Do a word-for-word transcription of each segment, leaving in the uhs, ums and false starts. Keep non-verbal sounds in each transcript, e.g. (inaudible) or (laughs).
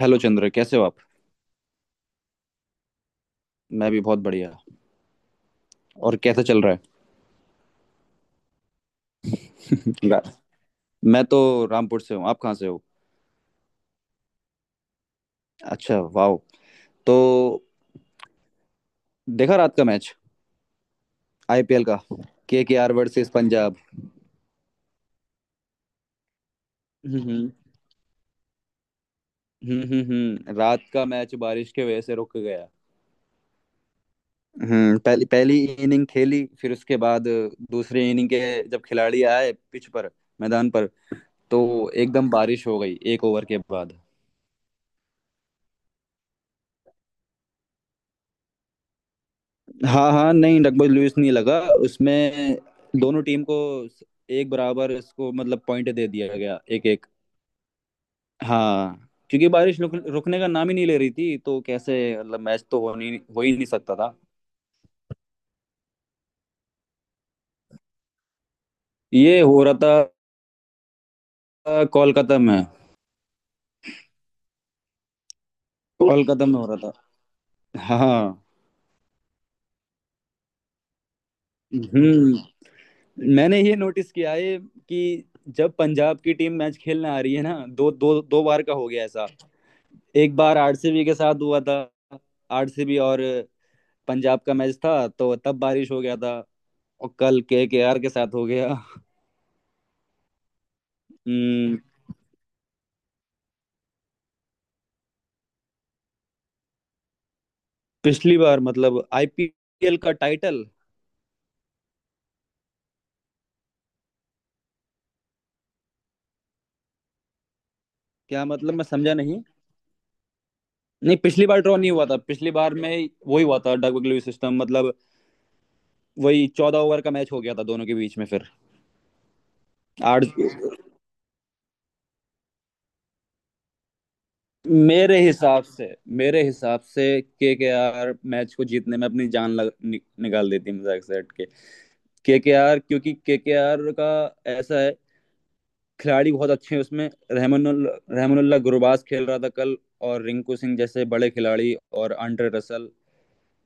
Hello Chandra, कैसे हो आप? मैं भी बहुत बढ़िया। और कैसा चल रहा है? (laughs) रा- मैं तो रामपुर से हूँ। आप कहाँ से हो? अच्छा, वाह। तो देखा रात का मैच? आई पी एल का, के के आर वर्सेस पंजाब। हम्म। हम्म हम्म हम्म, रात का मैच बारिश के वजह से रुक गया। हम्म पहली पहली इनिंग खेली, फिर उसके बाद दूसरी इनिंग के जब खिलाड़ी आए पिच पर, मैदान पर, तो एकदम बारिश हो गई एक ओवर के बाद। हाँ हाँ, नहीं, डकबॉज लुईस नहीं लगा उसमें। दोनों टीम को एक बराबर इसको मतलब पॉइंट दे दिया गया, एक एक। हाँ क्योंकि बारिश रुक, रुकने का नाम ही नहीं ले रही थी, तो कैसे मतलब मैच तो हो नहीं, हो ही नहीं सकता था। ये हो रहा था कोलकाता में। कोलकाता में हो रहा था। हाँ। हम्म। मैंने ये नोटिस किया है कि जब पंजाब की टीम मैच खेलने आ रही है ना, दो दो दो बार का हो गया ऐसा। एक बार आर सी बी के साथ हुआ था। आर सी बी और पंजाब का मैच था तो तब बारिश हो गया था। और कल के के आर के साथ हो गया। हम्म, पिछली बार मतलब आई पी एल का टाइटल? क्या मतलब, मैं समझा नहीं। नहीं, पिछली बार ड्रॉ नहीं हुआ था, पिछली बार में वही हुआ था, डग लुईस सिस्टम मतलब। वही चौदह ओवर का मैच हो गया था दोनों के बीच में फिर। आठ। मेरे हिसाब से, मेरे हिसाब से के के आर मैच को जीतने में अपनी जान लग, नि, निकाल देती, मजाक से हट के। के के आर, क्योंकि के के आर का ऐसा है, खिलाड़ी बहुत अच्छे हैं उसमें। रहमानुल रहमानुल्लाह गुरबाज खेल रहा था कल, और रिंकू सिंह जैसे बड़े खिलाड़ी, और आंड्रे रसल।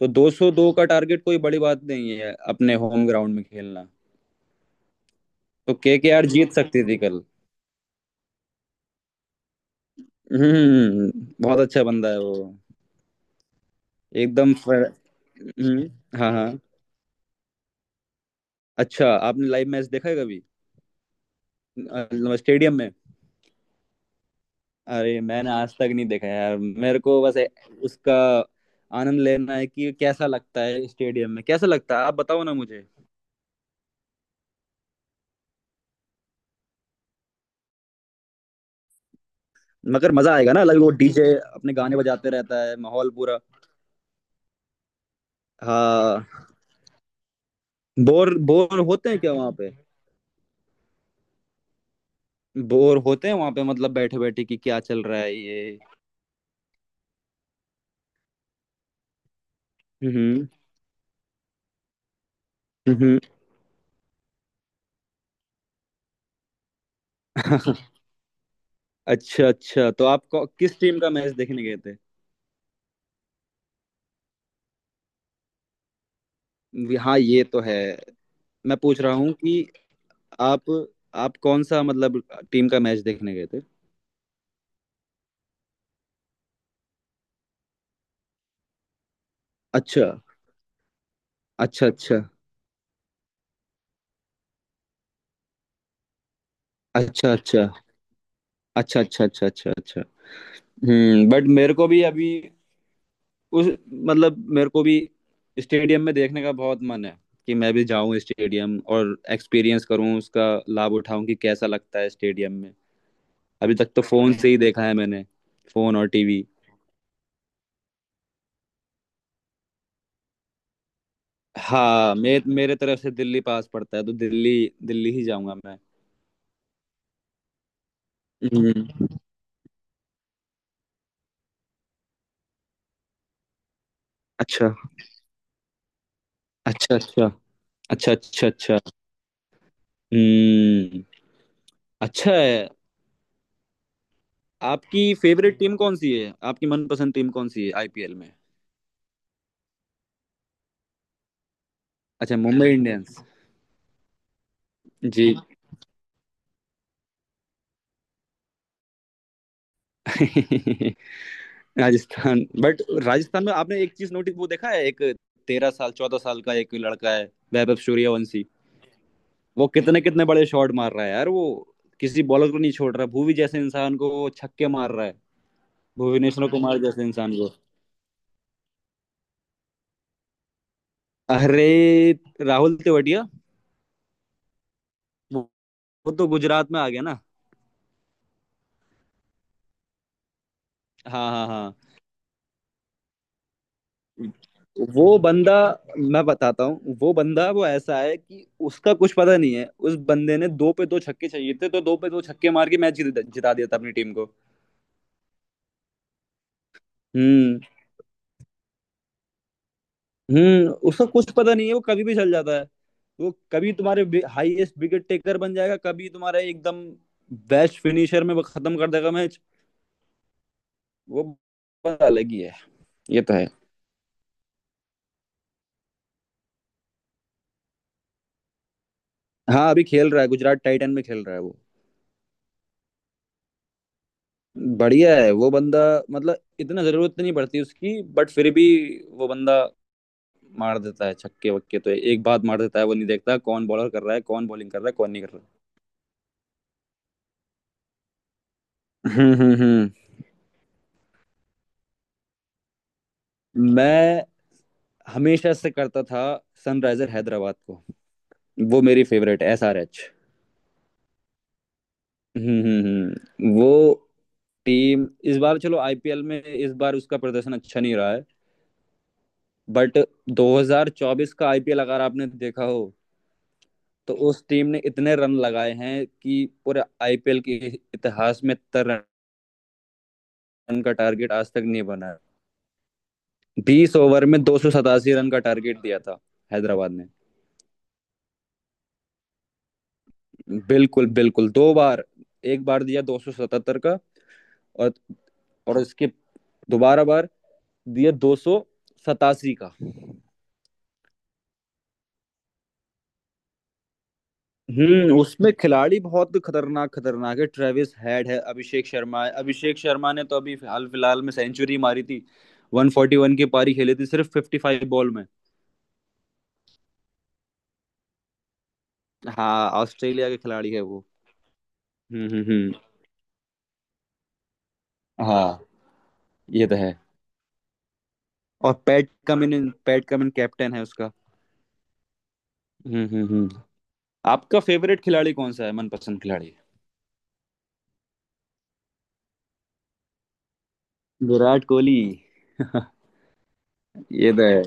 तो दो सौ दो का टारगेट कोई बड़ी बात नहीं है अपने होम ग्राउंड में खेलना। तो के के आर जीत सकती थी कल। हम्म, बहुत अच्छा बंदा है वो। एकदम फ्र- हम्म, हाँ हाँ। अच्छा, आपने लाइव मैच देखा है कभी? अ, स्टेडियम में? अरे मैंने आज तक नहीं देखा यार, मेरे को बस ए- उसका आनंद लेना है कि कैसा लगता है स्टेडियम में, कैसा लगता है, आप बताओ ना मुझे। मगर मजा आएगा ना अलग, वो डी जे अपने गाने बजाते रहता है, माहौल पूरा। हाँ। बोर बोर होते हैं क्या वहाँ पे? बोर होते हैं वहाँ पे मतलब, बैठे बैठे कि क्या चल रहा है ये? हम्म। हम्म। (laughs) अच्छा अच्छा, तो आप कौ- किस टीम का मैच देखने गए थे? वी- हाँ ये तो है। मैं पूछ रहा हूँ कि आप आप कौन सा मतलब टीम का मैच देखने गए थे? अच्छा अच्छा अच्छा अच्छा अच्छा। अच्छा अच्छा अच्छा अच्छा अच्छा। हम्म बट मेरे को भी अभी उस मतलब मेरे को भी स्टेडियम में देखने का बहुत मन है, कि मैं भी जाऊं स्टेडियम और एक्सपीरियंस करूं उसका, लाभ उठाऊं कि कैसा लगता है स्टेडियम में। अभी तक तो फोन से ही देखा है मैंने, फोन और टीवी। हाँ मे, मेरे तरफ से दिल्ली पास पड़ता है तो दिल्ली दिल्ली ही जाऊंगा मैं। हम्म, अच्छा अच्छा अच्छा। अच्छा अच्छा अच्छा। हम्म। अच्छा है। आपकी फेवरेट टीम कौन सी है? आपकी मनपसंद टीम कौन सी है आई पी एल में? अच्छा, Mumbai Indians. Ji. (laughs) Rajasthan, but Rajasthan में आपने एक चीज नोटिस, वो देखा है? एक तेरह साल, चौदह साल का एक लड़का है, वैभव सूर्यवंशी। वो कितने कितने बड़े शॉट मार रहा है यार, वो किसी बॉलर को नहीं छोड़ रहा, भुवी जैसे इंसान को वो छक्के मार रहा है, भुवनेश्वर कुमार जैसे इंसान को। अरे, राहुल तेवड़िया। वो वो तो गुजरात में आ गया ना। हाँ हाँ हाँ। वो बंदा मैं बताता हूँ, वो बंदा वो ऐसा है कि उसका कुछ पता नहीं है, उस बंदे ने दो पे दो छक्के चाहिए थे तो दो पे दो छक्के मार के मैच जिता जिता दिया था अपनी टीम को। हम्म। हम्म उसका कुछ पता नहीं है, वो कभी भी चल जाता है। वो कभी तुम्हारे हाईएस्ट विकेट टेकर बन जाएगा, कभी तुम्हारा एकदम बेस्ट फिनिशर में वो खत्म कर देगा मैच। वो बात अलग ही है। ये तो है। हाँ, अभी खेल रहा है, गुजरात टाइटन में खेल रहा है वो। बढ़िया है वो बंदा, मतलब इतना जरूरत नहीं पड़ती उसकी, बट फिर भी वो बंदा मार देता है छक्के वक्के, तो एक बात, मार देता है, वो नहीं देखता कौन बॉलर कर रहा है, कौन बॉलिंग कर रहा है, कौन नहीं कर रहा है। हम्म हम्म हम्म। मैं हमेशा से करता था सनराइजर हैदराबाद को, वो मेरी फेवरेट, एस आर एच। हम्म हम्म, हम्म। वो टीम इस बार, चलो आई पी एल में इस बार उसका प्रदर्शन अच्छा नहीं रहा है, बट दो हज़ार चौबीस का आईपीएल अगर आपने देखा हो, तो उस टीम ने इतने रन लगाए हैं कि पूरे आई पी एल के इतिहास में इतना रन का टारगेट आज तक नहीं बना है। बीस ओवर में दो सौ सतासी रन का टारगेट दिया था हैदराबाद ने। बिल्कुल बिल्कुल, दो बार। एक बार दिया दो सौ सतहत्तर का, और और उसके दोबारा बार दिया दो सौ सतासी का। हम्म, उसमें खिलाड़ी बहुत खतरनाक खतरनाक है, ट्रेविस हेड है, अभिषेक शर्मा है। अभिषेक शर्मा ने तो अभी हाल फिलहाल में सेंचुरी मारी थी, वन फ़ोर्टी वन की पारी खेली थी सिर्फ फ़िफ़्टी फ़ाइव बॉल में। हाँ, ऑस्ट्रेलिया के खिलाड़ी है वो। हम्म हम्म हम्म। हाँ ये तो है। और Pat Cummins, Pat Cummins captain है उसका। हम्म हम्म हम्म। आपका फेवरेट खिलाड़ी कौन सा है, मनपसंद खिलाड़ी? विराट कोहली। (laughs) ये तो है।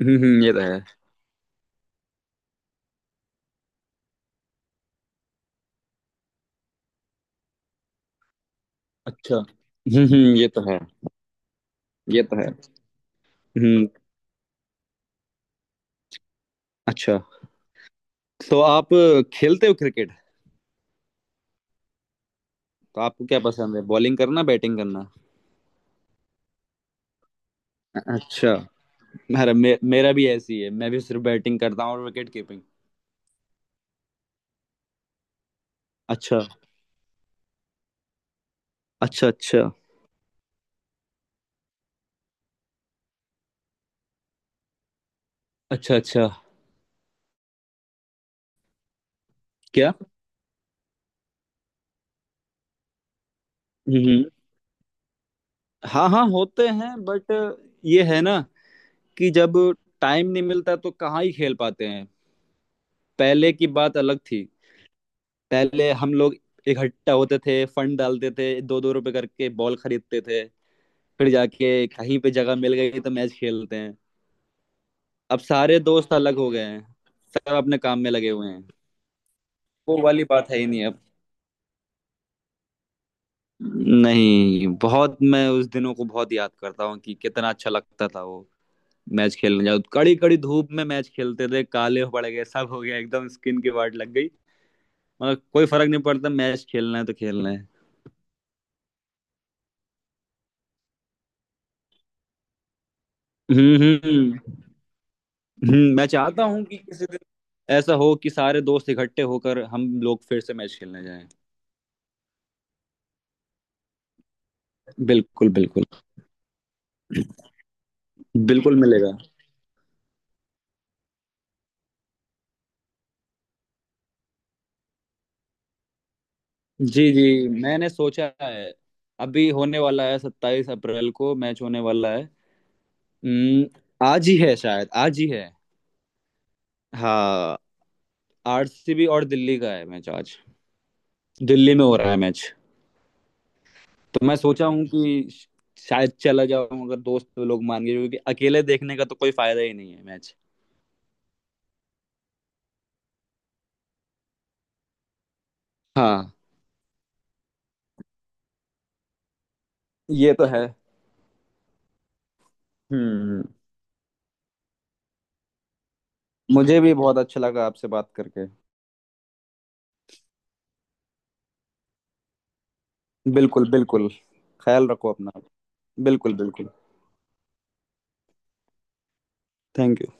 हम्म हम्म, ये तो है। अच्छा, हम्म हम्म, ये तो है। ये तो है। हम्म। अच्छा, तो आप खेलते हो क्रिकेट? तो आपको क्या पसंद है, बॉलिंग करना, बैटिंग करना? अच्छा। मेरा मे, मेरा भी ऐसी है, मैं भी सिर्फ बैटिंग करता हूँ और विकेट कीपिंग। अच्छा अच्छा अच्छा अच्छा अच्छा। क्या? हम्म, हाँ हाँ होते हैं, बट ये है ना, कि जब टाइम नहीं मिलता तो कहाँ ही खेल पाते हैं। पहले की बात अलग थी, पहले हम लोग इकट्ठा होते थे, फंड डालते थे दो दो रुपए करके, बॉल खरीदते थे, फिर जाके कहीं पे जगह मिल गई तो मैच खेलते हैं। अब सारे दोस्त अलग हो गए हैं, सब अपने काम में लगे हुए हैं, वो वाली बात है ही नहीं अब। नहीं, बहुत, मैं उस दिनों को बहुत याद करता हूँ कि कितना अच्छा लगता था वो। मैच खेलने जाओ, कड़ी कड़ी धूप में मैच खेलते थे, काले हो पड़ गए, सब हो गया, एकदम स्किन की वाट लग गई। मगर कोई फर्क नहीं पड़ता, मैच खेलना है तो खेलना है। हम्म। हम्म, हम्म, मैं चाहता हूँ कि किसी दिन ऐसा हो कि सारे दोस्त इकट्ठे होकर हम लोग फिर से मैच खेलने जाएं। बिल्कुल बिल्कुल। बिल्कुल मिलेगा। जी जी, मैंने सोचा है, अभी होने वाला है, सत्ताईस अप्रैल को मैच होने वाला है। हम्म, आज ही है शायद, आज ही है। हाँ, आर सी बी और दिल्ली का है मैच आज, दिल्ली में हो रहा है मैच। तो मैं सोचा हूँ कि श- शायद चला जाऊँ अगर दोस्त लोग मान गए, क्योंकि अकेले देखने का तो कोई फायदा ही नहीं है मैच। हाँ ये तो है। हम्म। मुझे भी बहुत अच्छा लगा आपसे बात करके। बिल्कुल बिल्कुल, ख्याल रखो अपना, बिल्कुल बिल्कुल। Thank you.